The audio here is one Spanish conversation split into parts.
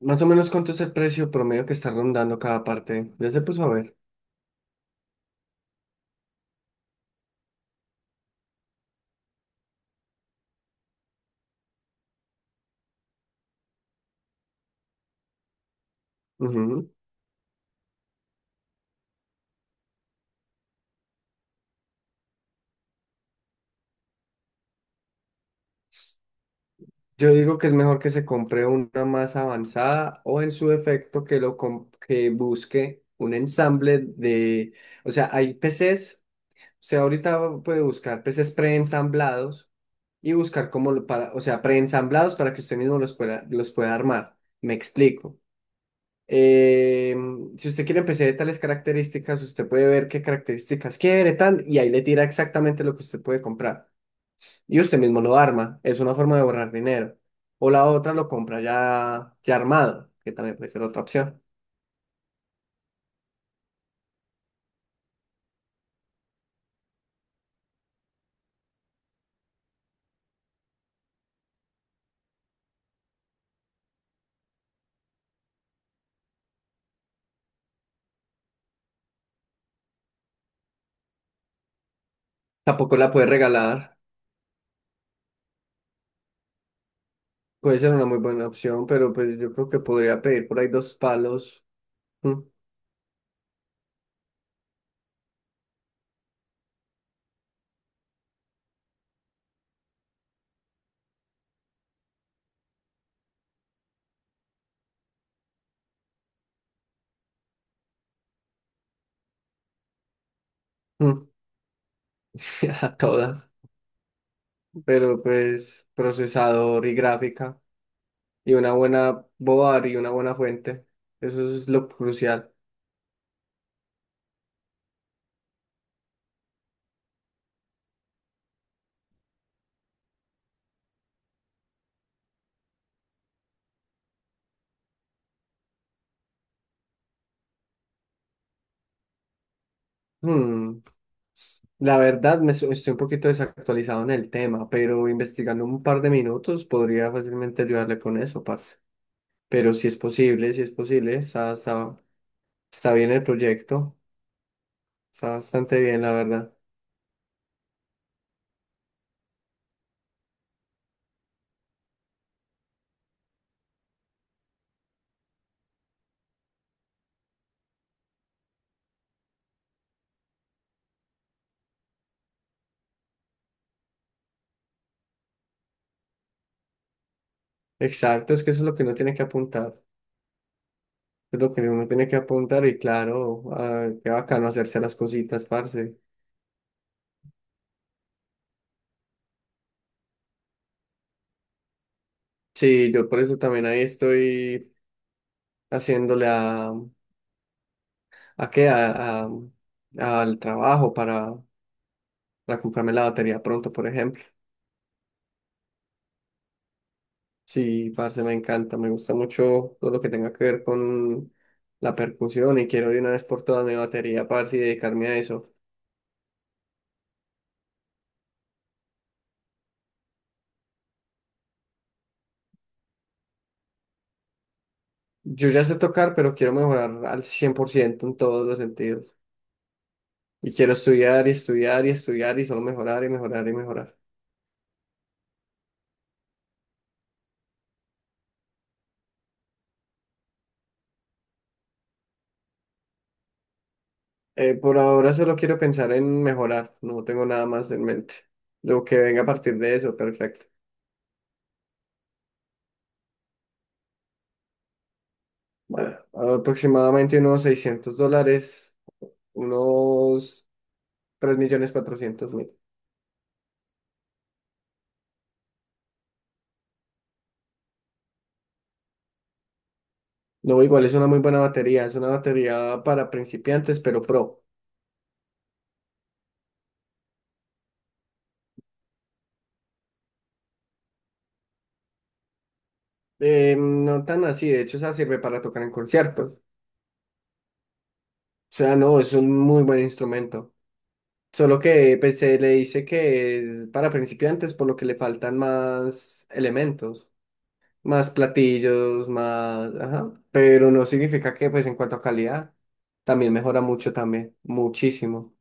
¿Más o menos cuánto es el precio promedio que está rondando cada parte? Ya se puso a ver. Ujú. Yo digo que es mejor que se compre una más avanzada o en su defecto que busque un ensamble de, o sea, hay PCs, o sea, ahorita puede buscar PCs preensamblados y buscar cómo lo para, o sea, preensamblados para que usted mismo los pueda armar. Me explico. Eh, si usted quiere empezar de tales características, usted puede ver qué características quiere, tal, y ahí le tira exactamente lo que usted puede comprar. Y usted mismo lo arma, es una forma de ahorrar dinero. O la otra lo compra ya armado, que también puede ser otra opción. Tampoco la puede regalar, puede ser una muy buena opción, pero pues yo creo que podría pedir por ahí dos palos mm, mm, a todas, pero pues procesador y gráfica. Y una buena boar y una buena fuente. Eso es lo crucial. Hmm, La verdad, estoy un poquito desactualizado en el tema, pero investigando un par de minutos podría fácilmente ayudarle con eso, parce. Pero si es posible, si es posible, está bien el proyecto, está bastante bien, la verdad. Exacto, es que eso es lo que uno tiene que apuntar. Es lo que uno tiene que apuntar y claro, ah, qué bacano hacerse las cositas, parce. Sí, yo por eso también ahí estoy haciéndole. ¿A qué? Al trabajo para comprarme la batería pronto, por ejemplo. Sí, parce, me encanta, me gusta mucho todo lo que tenga que ver con la percusión y quiero de una vez por todas mi batería, parce, y dedicarme a eso. Yo ya sé tocar, pero quiero mejorar al 100% en todos los sentidos. Y quiero estudiar y estudiar y estudiar y solo mejorar y mejorar y mejorar. Por ahora solo quiero pensar en mejorar, no tengo nada más en mente. Lo que venga a partir de eso, perfecto. Bueno, aproximadamente unos 600 dólares, unos 3.400.000. No, igual es una muy buena batería, es una batería para principiantes, pero pro. No tan así, de hecho, esa sirve para tocar en conciertos. O sea, no, es un muy buen instrumento. Solo que pues, se le dice que es para principiantes, por lo que le faltan más elementos. Más platillos, más, ajá, pero no significa que pues en cuanto a calidad también mejora mucho también, muchísimo.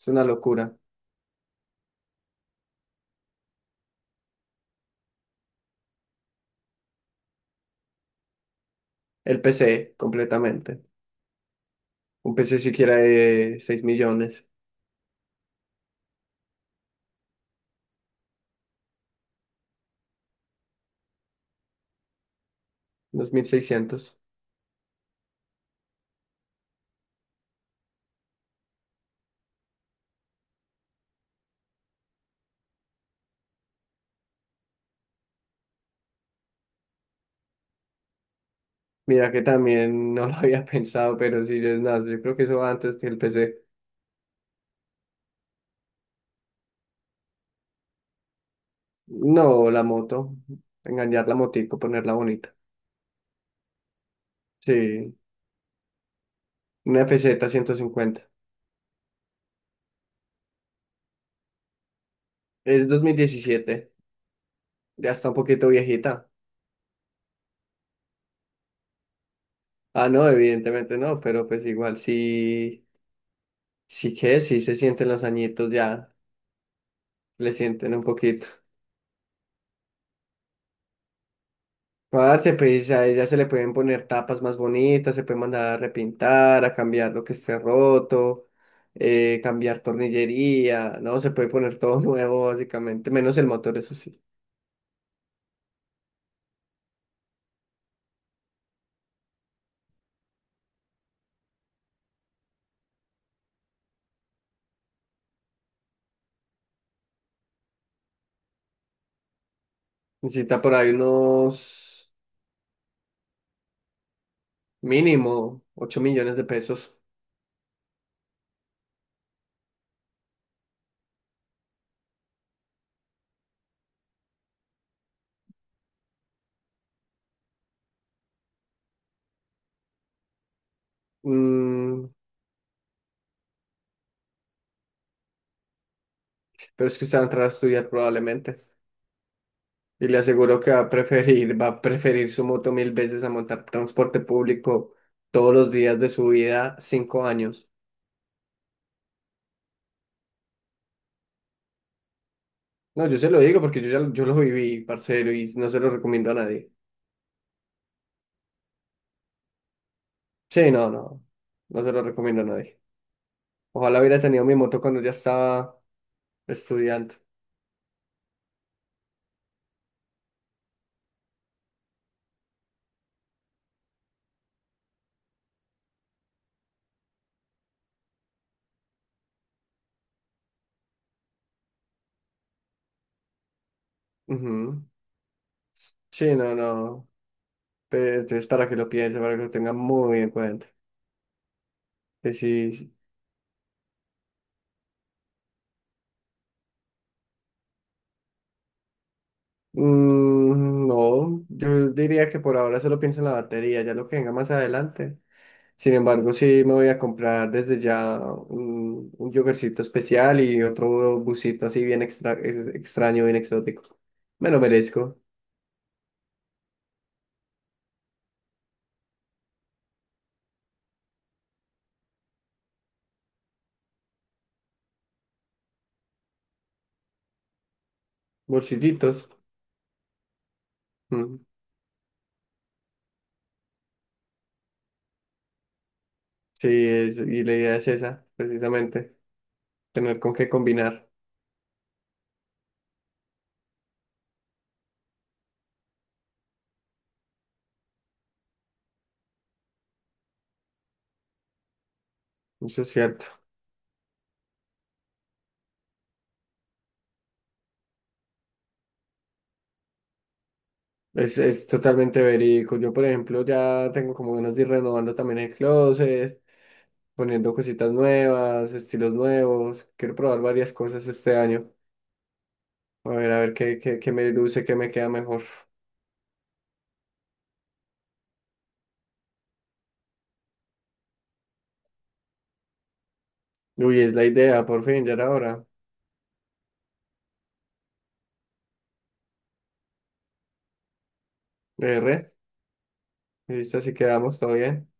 Es una locura. El PC completamente. Un PC siquiera de 6.000.000, 2.600. Mira que también no lo había pensado, pero sí es nada, yo creo que eso va antes que el PC. No, la moto, engañar la motico, ponerla bonita. Sí, una FZ 150. Es 2017, ya está un poquito viejita. Ah, no, evidentemente no, pero pues igual sí, sí que sí se sienten los añitos ya, le sienten un poquito. Parce, pues a ella se le pueden poner tapas más bonitas, se puede mandar a repintar, a cambiar lo que esté roto, cambiar tornillería, no, se puede poner todo nuevo básicamente, menos el motor, eso sí. Necesita por ahí unos mínimo 8.000.000 de pesos. Mm, pero es que usted va a entrar a estudiar probablemente. Y le aseguro que va a preferir su moto mil veces a montar transporte público todos los días de su vida, 5 años. No, yo se lo digo porque yo lo viví, parcero, y no se lo recomiendo a nadie. Sí, no, no, no se lo recomiendo a nadie. Ojalá hubiera tenido mi moto cuando ya estaba estudiando. Ujú. Sí, no, no. Entonces, para que lo piense, para que lo tenga muy en cuenta. Que sí. Mm, no, yo diría que por ahora solo pienso en la batería, ya lo que venga más adelante. Sin embargo, sí me voy a comprar desde ya un, yogurcito especial y otro busito así bien extra, extraño, bien exótico. Me lo merezco. Bolsillitos. Mm, sí, y la idea es esa, precisamente, tener con qué combinar. Eso es cierto. Es totalmente verídico. Yo, por ejemplo, ya tengo como ganas de ir renovando también el closet, poniendo cositas nuevas, estilos nuevos. Quiero probar varias cosas este año. A ver qué me luce, qué me queda mejor. Uy, es la idea, por fin, ya era hora. R, listo, así quedamos, todo bien.